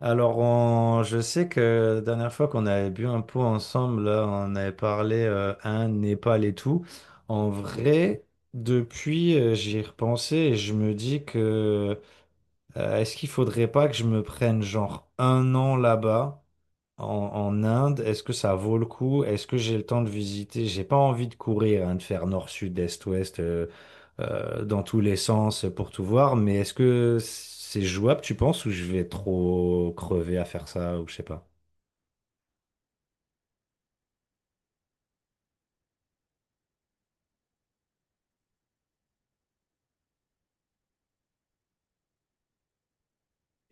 Alors, je sais que la dernière fois qu'on avait bu un pot ensemble, là, on avait parlé un Népal et tout. En vrai, depuis, j'y ai repensé et je me dis que est-ce qu'il faudrait pas que je me prenne genre un an là-bas? En Inde, est-ce que ça vaut le coup? Est-ce que j'ai le temps de visiter? J'ai pas envie de courir, hein, de faire nord, sud, est, ouest, dans tous les sens pour tout voir, mais est-ce que c'est jouable, tu penses, ou je vais trop crever à faire ça, ou je sais pas.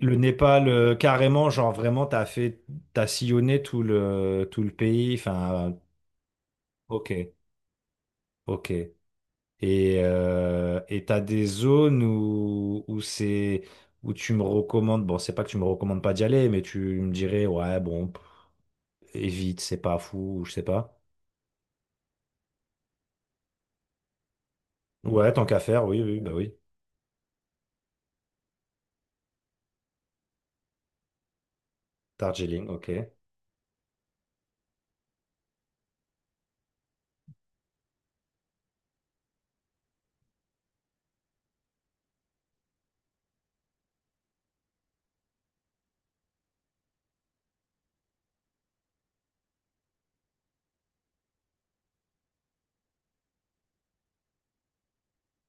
Le Népal, carrément, genre vraiment, t'as sillonné tout le pays, enfin, ok, ok. Et t'as des zones où tu me recommandes, bon, c'est pas que tu me recommandes pas d'y aller, mais tu me dirais, ouais, bon, pff, évite, c'est pas fou, ou je sais pas. Ouais, tant qu'à faire, oui, oui, bah oui. Darjeeling, ok.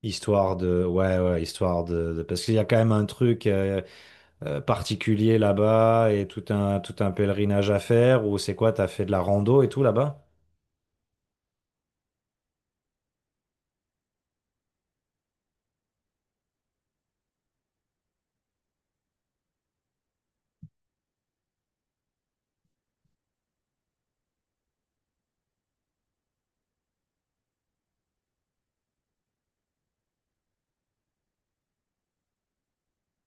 Ouais, ouais, parce qu'il y a quand même un truc particulier là-bas et tout un pèlerinage à faire, ou c'est quoi, t'as fait de la rando et tout là-bas?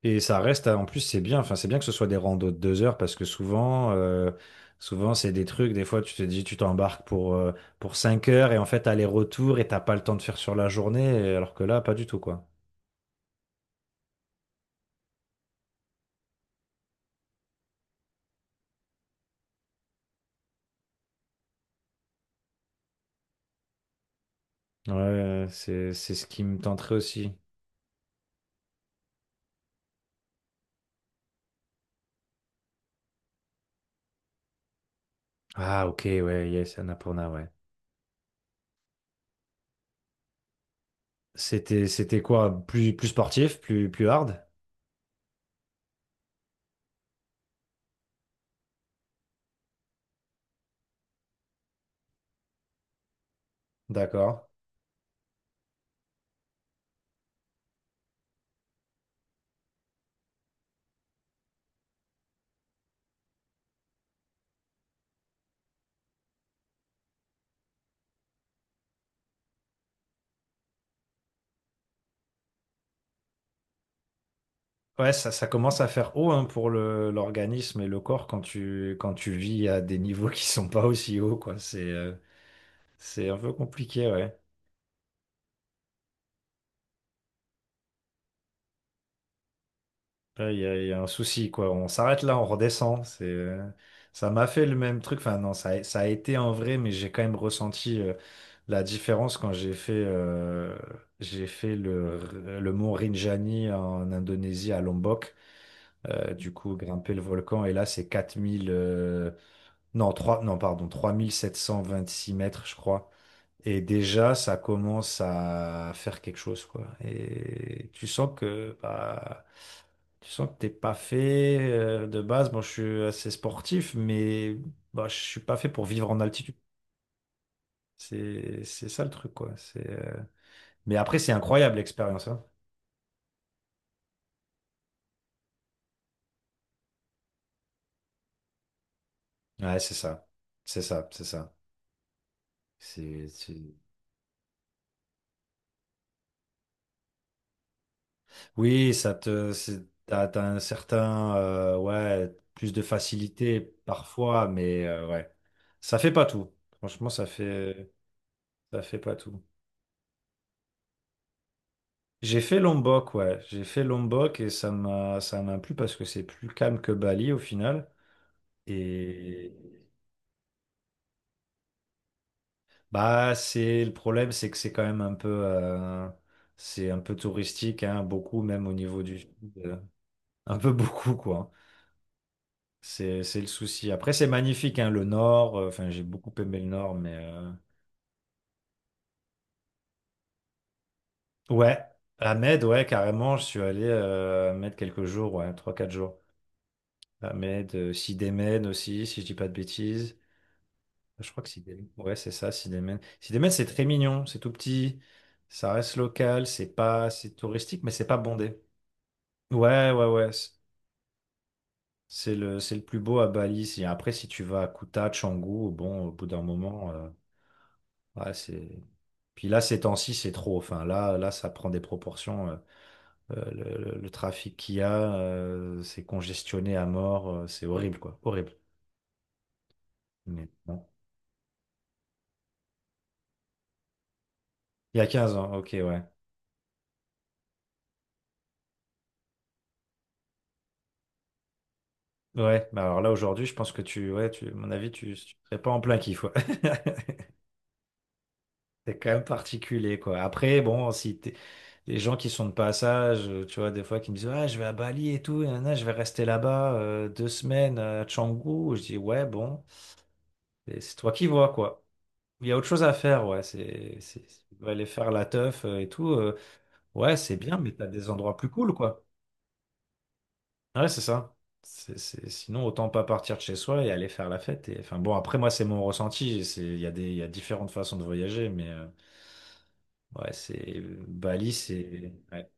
Et ça reste, en plus, c'est bien. Enfin, c'est bien que ce soit des randos de 2 heures parce que souvent, souvent c'est des trucs. Des fois, tu t'embarques pour 5 heures et en fait, aller-retour et t'as pas le temps de faire sur la journée. Et alors que là, pas du tout, quoi. Ouais, c'est ce qui me tenterait aussi. Ah, ok, ouais, yes, Annapurna, ouais. C'était quoi? Plus sportif, plus hard? D'accord. Ouais, ça commence à faire haut hein, pour le l'organisme et le corps quand tu vis à des niveaux qui sont pas aussi hauts, quoi. C'est un peu compliqué, ouais. Là, il y a un souci, quoi. On s'arrête là, on redescend. Ça m'a fait le même truc. Enfin, non, ça a été en vrai, mais j'ai quand même ressenti la différence quand j'ai fait le mont Rinjani en Indonésie, à Lombok. Du coup, grimper le volcan. Et là, c'est 4000... non, 3 non, pardon, 3726 mètres, je crois. Et déjà, ça commence à faire quelque chose, quoi. Et tu sens que, bah, tu sens que t'es pas fait de base. Bon, je suis assez sportif, mais bah, je suis pas fait pour vivre en altitude. C'est ça le truc, quoi. Mais après, c'est incroyable l'expérience, hein. Ouais, c'est ça. C'est ça, c'est ça. C'est, c'est- Oui, t'as un certain, ouais, plus de facilité parfois, mais ouais, ça fait pas tout. Franchement, ça fait pas tout. J'ai fait Lombok, ouais, j'ai fait Lombok et ça m'a plu parce que c'est plus calme que Bali au final. Et bah, c'est le problème, c'est que c'est quand même c'est un peu touristique, hein, beaucoup même au niveau du, sud, euh, un peu beaucoup quoi. C'est le souci. Après, c'est magnifique, hein, le Nord. Enfin, j'ai beaucoup aimé le Nord, mais... Ouais, Ahmed, ouais, carrément, je suis allé à Ahmed quelques jours, ouais, trois quatre jours. Ahmed, Sidémène aussi, si je dis pas de bêtises. Ah, je crois que Sidémène, ouais, c'est ça, Sidémène. Sidémène, c'est très mignon, c'est tout petit, ça reste local, c'est pas, c'est touristique, mais c'est pas bondé. Ouais, ouais, ouais, c'est le plus beau à Bali. Après, si tu vas à Kuta, Canggu, bon, au bout d'un moment, ouais, c'est... Puis là, ces temps-ci, c'est trop. Enfin, là, là, ça prend des proportions. Le trafic qu'il y a, c'est congestionné à mort. C'est horrible, quoi. Horrible. Mais bon. Il y a 15 ans, ok, ouais. Ouais, mais alors là, aujourd'hui, je pense que tu, ouais, tu, à mon avis, tu, serais pas en plein kiff, ouais. C'est quand même particulier, quoi. Après, bon, si t'es- les gens qui sont de passage, tu vois, des fois, qui me disent, ah, je vais à Bali et tout, et nanana, je vais rester là-bas 2 semaines à Canggu, je dis, ouais, bon, c'est toi qui vois, quoi. Il y a autre chose à faire, ouais. Tu dois aller faire la teuf et tout. Ouais, c'est bien, mais t'as des endroits plus cool, quoi. Ouais, c'est ça. Sinon, autant pas partir de chez soi et aller faire la fête. Et, enfin, bon, après, moi, c'est mon ressenti. Il y a différentes façons de voyager, mais ouais, c'est Bali, c'est. Ouais.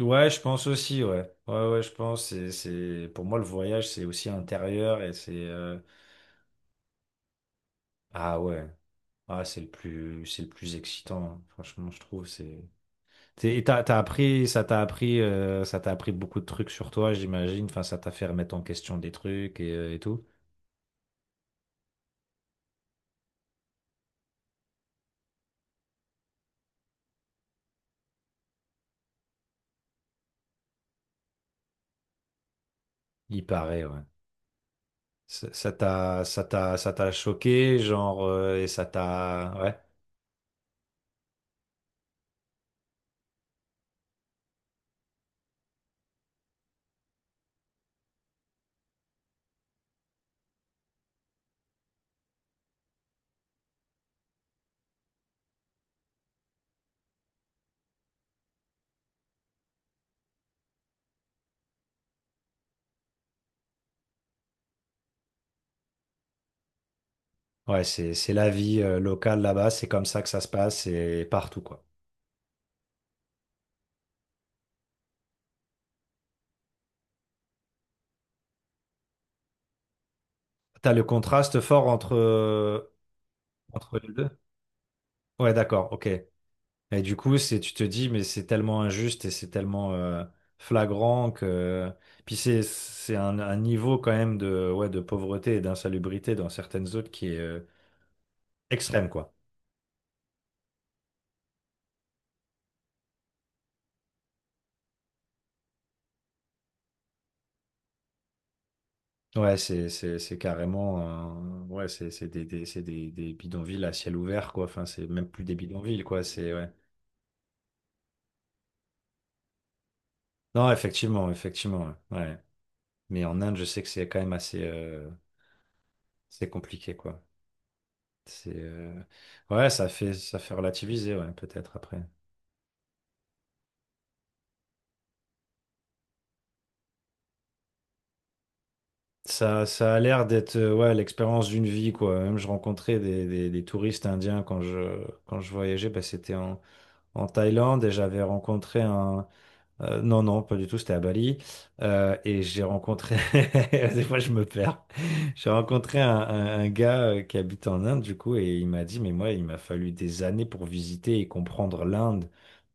Ouais, je pense aussi, ouais. Ouais, ouais, je pense. Pour moi, le voyage, c'est aussi intérieur et c'est. Ah ouais. Ah, c'est le plus excitant, hein. Franchement, je trouve. C'est. Et ça t'a appris beaucoup de trucs sur toi, j'imagine. Enfin, ça t'a fait remettre en question des trucs et tout. Il paraît, ouais. Ça t'a choqué, genre, et ouais. Ouais, c'est la vie, locale là-bas. C'est comme ça que ça se passe et partout, quoi. T'as le contraste fort entre les deux. Ouais, d'accord, ok. Et du coup, tu te dis, mais c'est tellement injuste et c'est tellement flagrant que. Puis c'est un niveau quand même de, ouais, de pauvreté et d'insalubrité dans certaines zones qui est extrême, quoi. Ouais, c'est carrément. Ouais, c'est des bidonvilles à ciel ouvert, quoi. Enfin, c'est même plus des bidonvilles, quoi. C'est, ouais. Non, effectivement, effectivement. Ouais. Ouais. Mais en Inde, je sais que c'est quand même assez c'est compliqué, quoi. C'est, euh, Ouais, ça fait relativiser, ouais, peut-être après. Ça a l'air d'être ouais, l'expérience d'une vie, quoi. Même je rencontrais des touristes indiens quand je voyageais, bah, c'était en, Thaïlande et j'avais rencontré non, non, pas du tout, c'était à Bali. Et j'ai rencontré... Des fois, je me perds. J'ai rencontré un gars qui habite en Inde, du coup, et il m'a dit, mais moi, il m'a fallu des années pour visiter et comprendre l'Inde,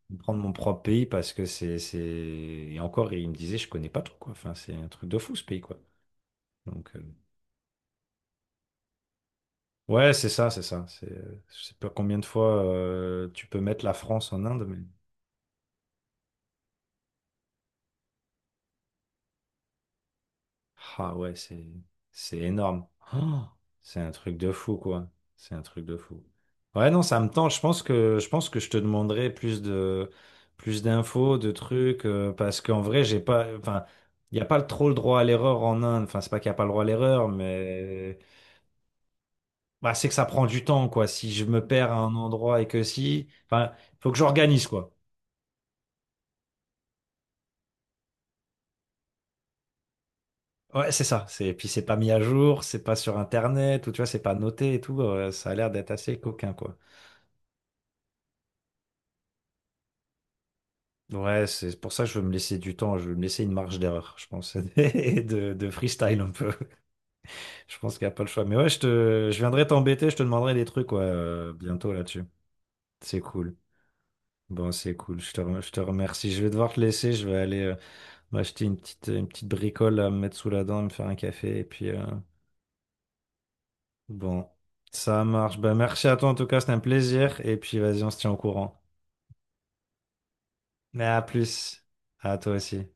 comprendre mon propre pays, parce que Et encore, il me disait, je connais pas trop, quoi. Enfin, c'est un truc de fou, ce pays, quoi. Donc... Ouais, c'est ça, c'est ça. C'est, je sais pas combien de fois tu peux mettre la France en Inde, mais ah ouais, c'est énorme. Ah, c'est un truc de fou, quoi. C'est un truc de fou. Ouais, non, ça me tente. Je pense que je te demanderai plus d'infos, de trucs, parce qu'en vrai, j'ai pas, enfin, il y a pas trop le droit à l'erreur en Inde. Enfin, c'est pas qu'il y a pas le droit à l'erreur, mais bah, c'est que ça prend du temps, quoi. Si je me perds à un endroit et que si, enfin, faut que j'organise, quoi. Ouais, c'est ça. C'est, puis c'est pas mis à jour, c'est pas sur Internet, ou tu vois, c'est pas noté et tout. Ça a l'air d'être assez coquin, quoi. Ouais, c'est pour ça que je veux me laisser du temps, je veux me laisser une marge d'erreur, je pense, et de freestyle un peu. Je pense qu'il n'y a pas le choix. Mais ouais, je viendrai t'embêter, je te demanderai des trucs, ouais, bientôt là-dessus. C'est cool. Bon, c'est cool. Je te remercie. Je vais devoir te laisser. Je vais aller m'acheter une petite bricole à me mettre sous la dent, me faire un café, et puis, Bon, ça marche. Ben, merci à toi en tout cas, c'était un plaisir. Et puis vas-y, on se tient au courant. Mais à plus. À toi aussi.